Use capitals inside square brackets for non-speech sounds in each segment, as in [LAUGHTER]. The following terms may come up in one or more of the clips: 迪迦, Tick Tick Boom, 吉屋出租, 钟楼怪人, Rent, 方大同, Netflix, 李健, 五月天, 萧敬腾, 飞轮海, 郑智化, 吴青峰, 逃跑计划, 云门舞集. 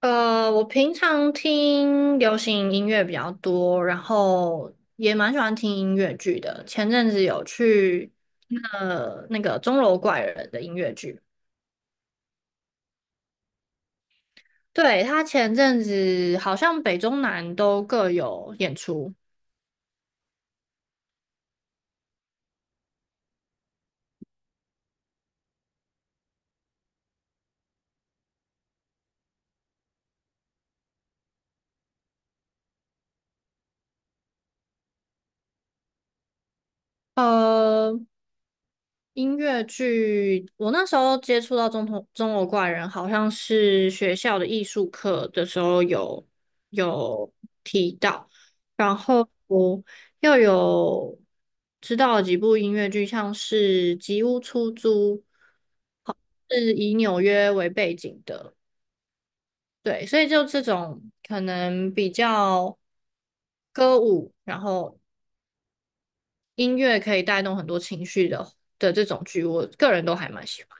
我平常听流行音乐比较多，然后也蛮喜欢听音乐剧的。前阵子有去钟楼怪人的音乐剧。对，他前阵子好像北中南都各有演出。呃，音乐剧，我那时候接触到中头《钟楼怪人》，好像是学校的艺术课的时候有提到，然后我又有知道了几部音乐剧，像是《吉屋出租》，是以纽约为背景的。对，所以就这种可能比较歌舞，然后音乐可以带动很多情绪的这种剧，我个人都还蛮喜欢。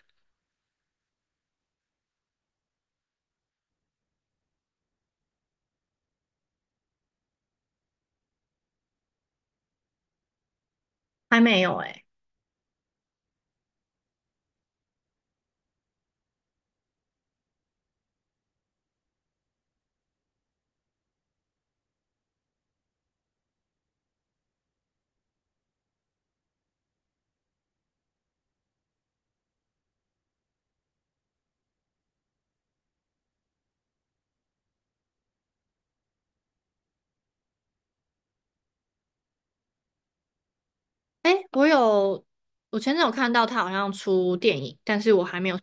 还没有诶、哎，我有，我前阵有看到他好像出电影，但是我还没有。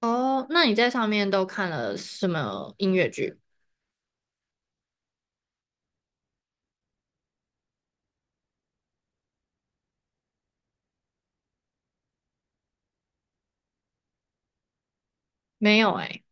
哦，那你在上面都看了什么音乐剧？没有哎。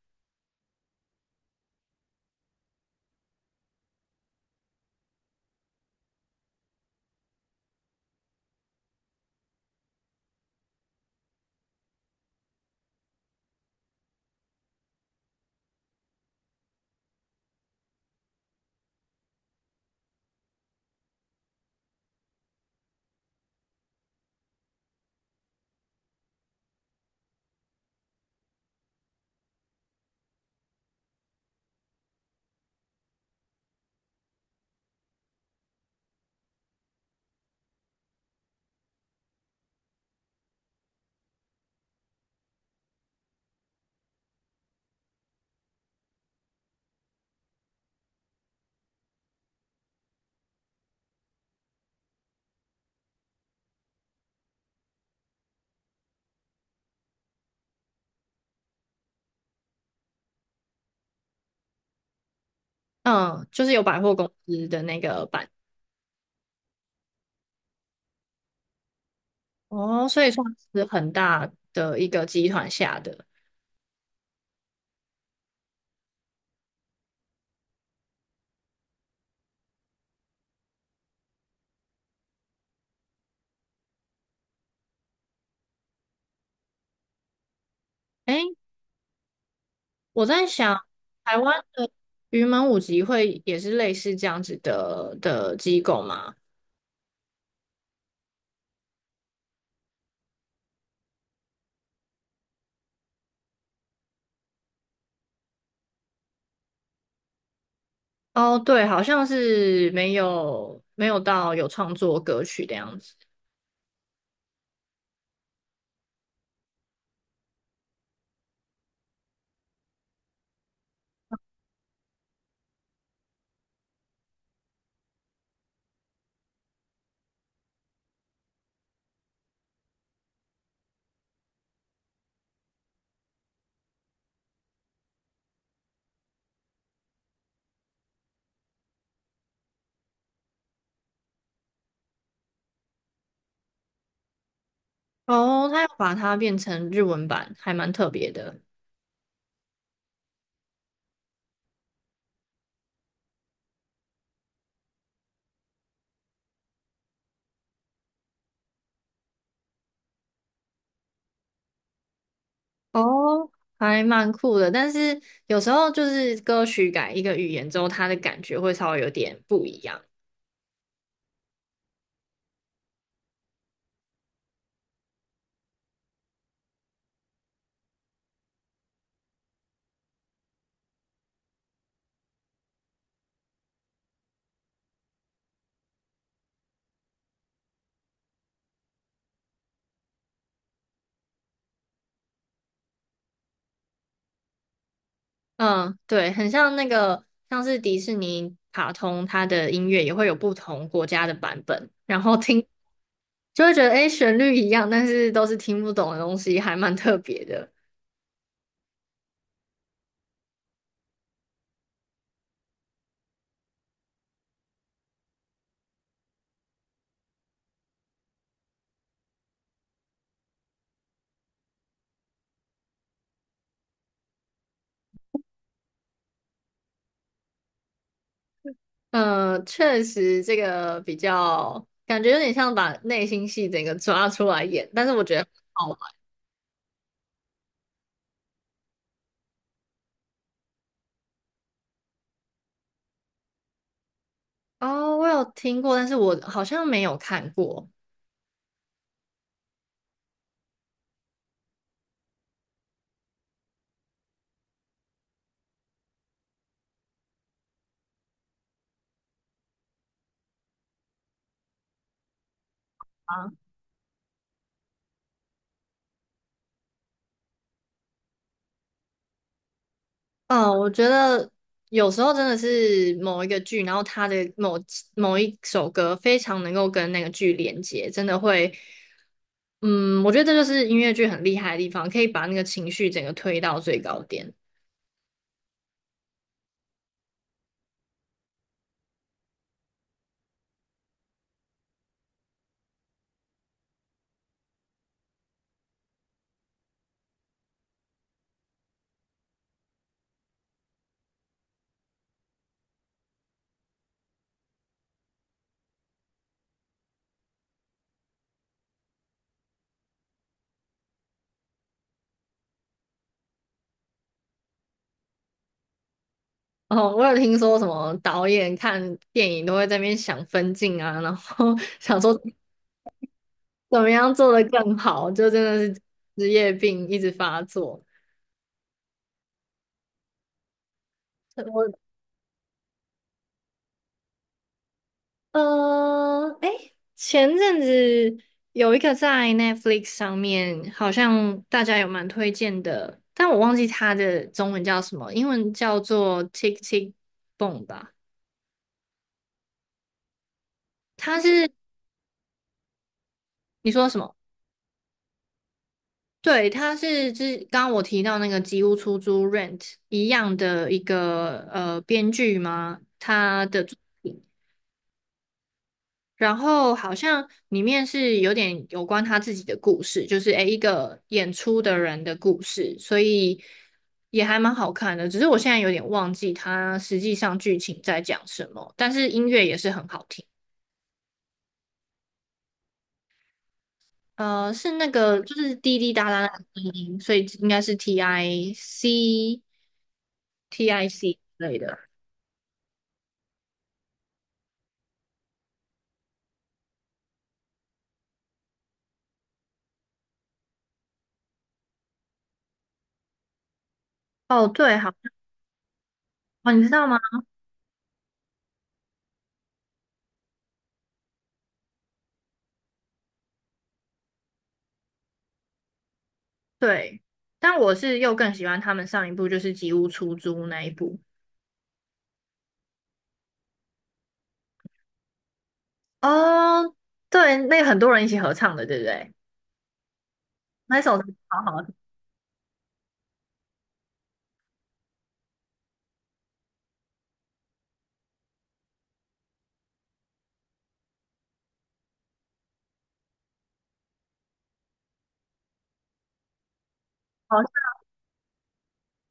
嗯，就是有百货公司的那个版。哦，所以算是很大的一个集团下的。哎，我在想，台湾的云门舞集会也是类似这样子的机构吗？哦，对，好像是没有到有创作歌曲的样子。哦，他要把它变成日文版，还蛮特别的。哦，还蛮酷的，但是有时候就是歌曲改一个语言之后，它的感觉会稍微有点不一样。嗯，对，很像那个，像是迪士尼卡通，它的音乐也会有不同国家的版本，然后听就会觉得，诶，旋律一样，但是都是听不懂的东西，还蛮特别的。嗯，确实，这个比较感觉有点像把内心戏整个抓出来演，但是我觉得很好玩。哦，我有听过，但是我好像没有看过。啊。嗯，我觉得有时候真的是某一个剧，然后它的某一首歌非常能够跟那个剧连接，真的会。嗯，我觉得这就是音乐剧很厉害的地方，可以把那个情绪整个推到最高点。哦，我有听说什么导演看电影都会在那边想分镜啊，然后 [LAUGHS] 想说怎么样做的更好，就真的是职业病一直发作。呃我哎，前阵子有一个在 Netflix 上面，好像大家有蛮推荐的，但我忘记它的中文叫什么，英文叫做《Tick Tick Boom》吧。它是你说什么？对，他是之刚刚我提到那个吉屋出租 Rent 一样的一个编剧吗？他的作品，然后好像里面是有点有关他自己的故事，就是诶一个演出的人的故事，所以也还蛮好看的。只是我现在有点忘记他实际上剧情在讲什么，但是音乐也是很好听。是那个就是滴滴答答的声音，所以应该是 TIC TIC。哦，对，好，哦，你知道吗？对，但我是又更喜欢他们上一部就是《吉屋出租》那一部。哦，对，那个很多人一起合唱的，对不对？那首歌好好听。好像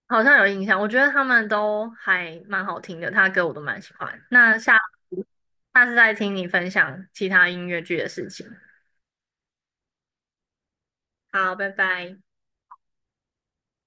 好像有印象。我觉得他们都还蛮好听的，他的歌我都蛮喜欢。那下次再听你分享其他音乐剧的事情。好，拜拜。